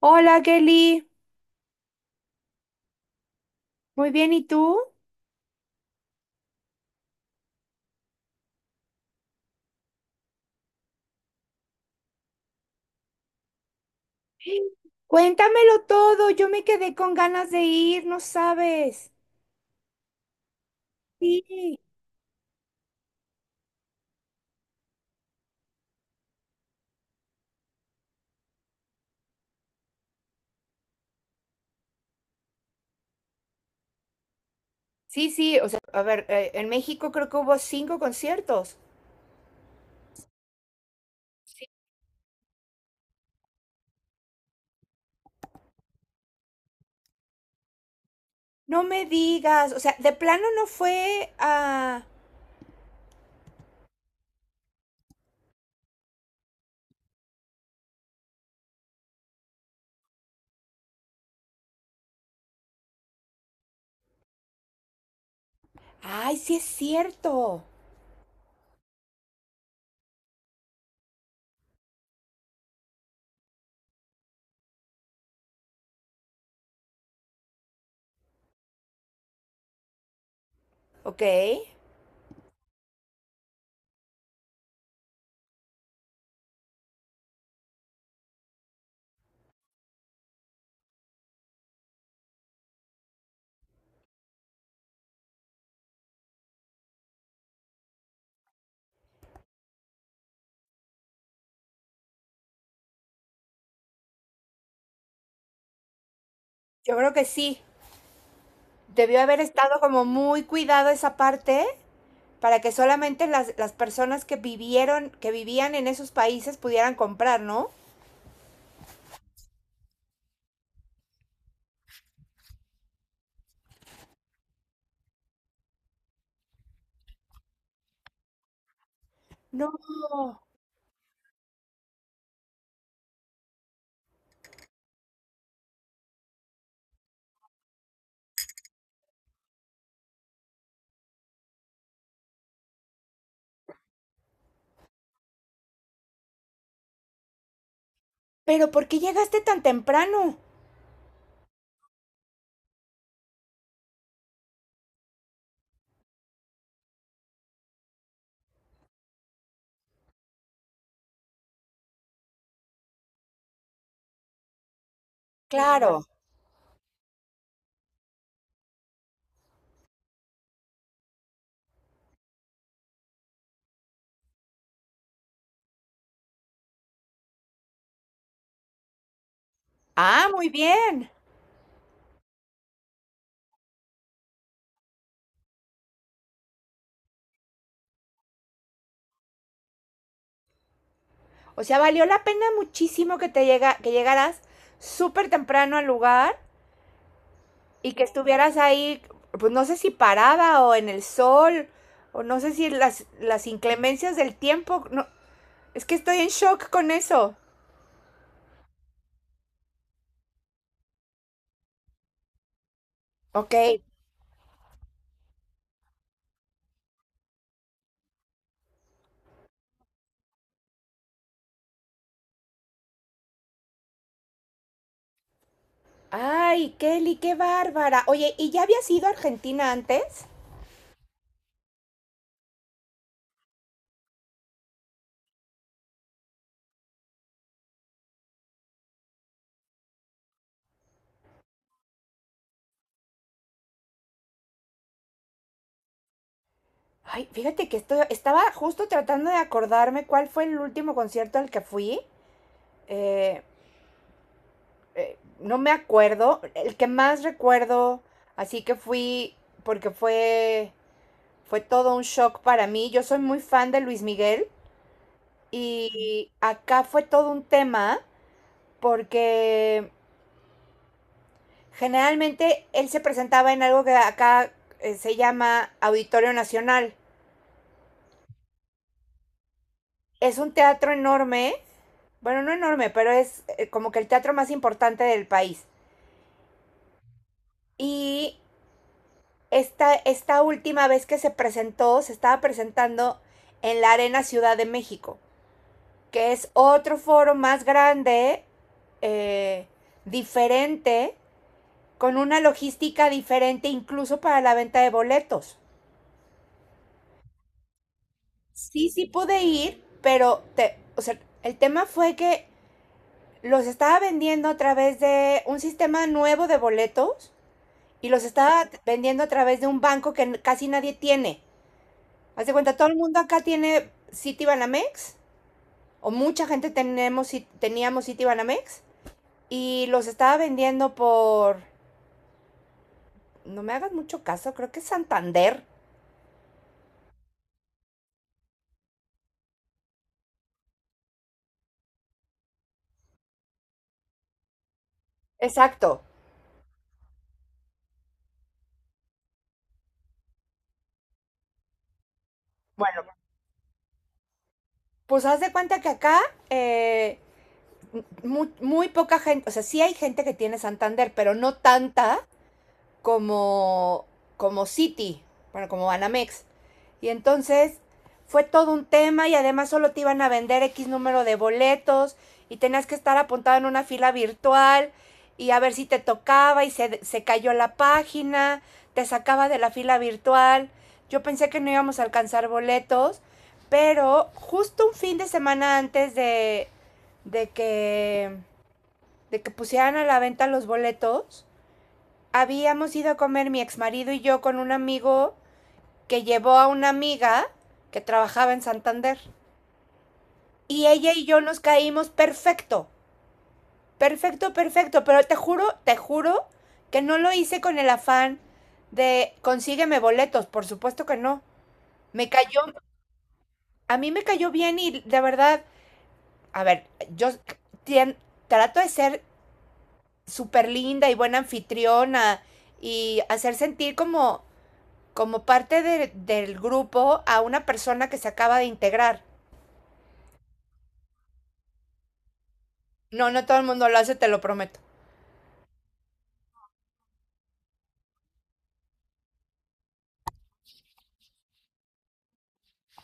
Hola, Kelly. Muy bien, ¿y tú? Cuéntamelo todo. Yo me quedé con ganas de ir, no sabes. Sí. Sí, sí, o sea, a ver, en México creo que hubo cinco conciertos. No me digas, o sea, de plano no fue a... Ay, sí es cierto. Ok, yo creo que sí. Debió haber estado como muy cuidado esa parte para que solamente las personas que vivieron, que vivían en esos países pudieran comprar, ¿no? No. Pero ¿por qué llegaste tan temprano? Claro. Ah, muy bien. O sea, valió la pena muchísimo que te llega, que llegaras súper temprano al lugar y que estuvieras ahí, pues no sé si parada o en el sol, o no sé si las inclemencias del tiempo. No, es que estoy en shock con eso. Ok. Ay, Kelly, qué bárbara. Oye, ¿y ya habías ido a Argentina antes? Ay, fíjate que esto, estaba justo tratando de acordarme cuál fue el último concierto al que fui. eh, no me acuerdo, el que más recuerdo, así que fui, porque fue, fue todo un shock para mí. Yo soy muy fan de Luis Miguel y acá fue todo un tema porque generalmente él se presentaba en algo que acá se llama Auditorio Nacional. Es un teatro enorme, bueno, no enorme, pero es como que el teatro más importante del país. Y esta última vez que se presentó, se estaba presentando en la Arena Ciudad de México, que es otro foro más grande, eh, diferente, con una logística diferente incluso para la venta de boletos. Sí, sí pude ir, pero te, o sea, el tema fue que los estaba vendiendo a través de un sistema nuevo de boletos y los estaba vendiendo a través de un banco que casi nadie tiene. Haz de cuenta, todo el mundo acá tiene Citibanamex o mucha gente tenemos, teníamos Citibanamex y los estaba vendiendo por, no me hagas mucho caso, creo que es Santander. Exacto. Bueno, pues haz de cuenta que acá eh, muy, muy, poca gente, o sea, sí hay gente que tiene Santander, pero no tanta como, como City, bueno, como Banamex. Y entonces fue todo un tema y además solo te iban a vender X número de boletos y tenías que estar apuntado en una fila virtual y a ver si te tocaba y se, cayó la página, te sacaba de la fila virtual. Yo pensé que no íbamos a alcanzar boletos, pero justo un fin de semana antes de que, de que pusieran a la venta los boletos, habíamos ido a comer mi exmarido y yo con un amigo que llevó a una amiga que trabajaba en Santander. Y ella y yo nos caímos perfecto, perfecto, perfecto, pero te juro que no lo hice con el afán de consígueme boletos, por supuesto que no. Me cayó, a mí me cayó bien y de verdad, a ver, yo tien- trato de ser súper linda y buena anfitriona y hacer sentir como parte del grupo a una persona que se acaba de integrar. No, no todo el mundo lo hace, te lo prometo.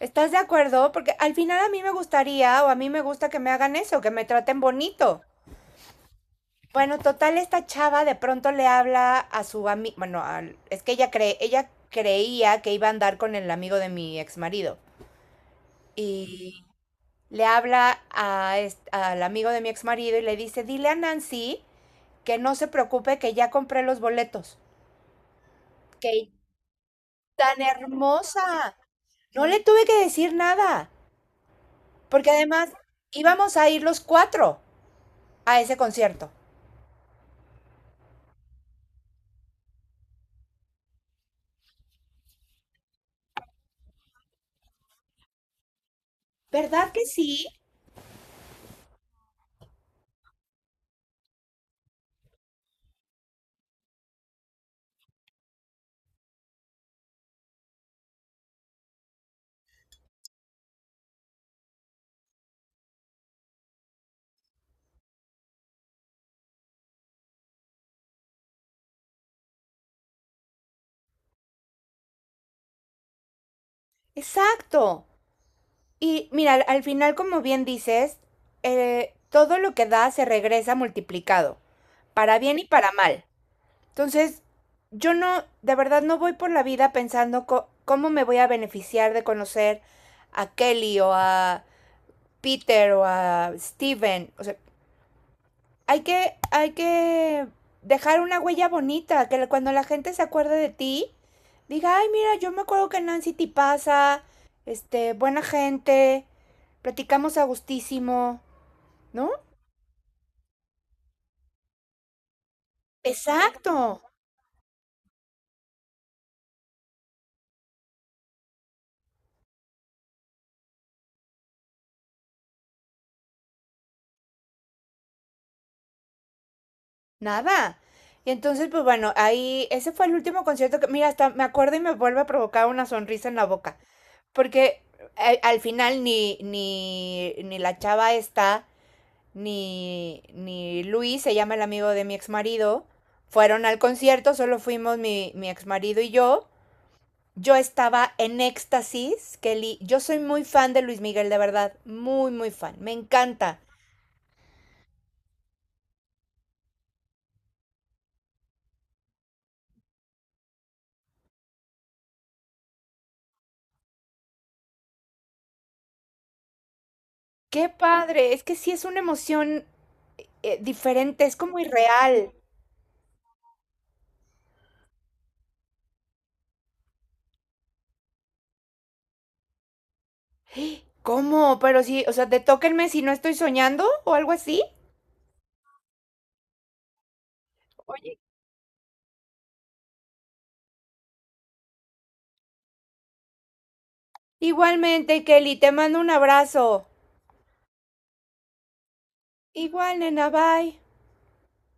¿Estás de acuerdo? Porque al final a mí me gustaría o a mí me gusta que me hagan eso, que me traten bonito. Bueno, total, esta chava de pronto le habla a su amigo, bueno, es que ella, cree, ella creía que iba a andar con el amigo de mi ex marido. Y le habla a al amigo de mi ex marido y le dice, dile a Nancy que no se preocupe, que ya compré los boletos que tan hermosa. No le tuve que decir nada, porque además íbamos a ir los cuatro a ese concierto. ¿Verdad que sí? Exacto. Y mira, al final, como bien dices, todo lo que da se regresa multiplicado, para bien y para mal. Entonces, yo no, de verdad no voy por la vida pensando cómo me voy a beneficiar de conocer a Kelly o a Peter o a Steven. O sea, hay que dejar una huella bonita, que cuando la gente se acuerde de ti, diga, ay, mira, yo me acuerdo que Nancy te pasa, este, buena gente, platicamos a gustísimo, ¿no? Exacto, nada. Y entonces, pues bueno, ahí, ese fue el último concierto que, mira, hasta me acuerdo y me vuelve a provocar una sonrisa en la boca, porque al final ni la chava esta ni Luis, se llama el amigo de mi exmarido fueron al concierto, solo fuimos mi exmarido y yo. Yo estaba en éxtasis, Kelly. Yo soy muy fan de Luis Miguel, de verdad. Muy, muy fan. Me encanta. Qué padre. Es que sí es una emoción diferente, es como irreal. ¿Cómo? Pero sí, o sea, te tóquenme si no estoy soñando o algo así. Oye. Igualmente, Kelly, te mando un abrazo. Igual, nena, bye.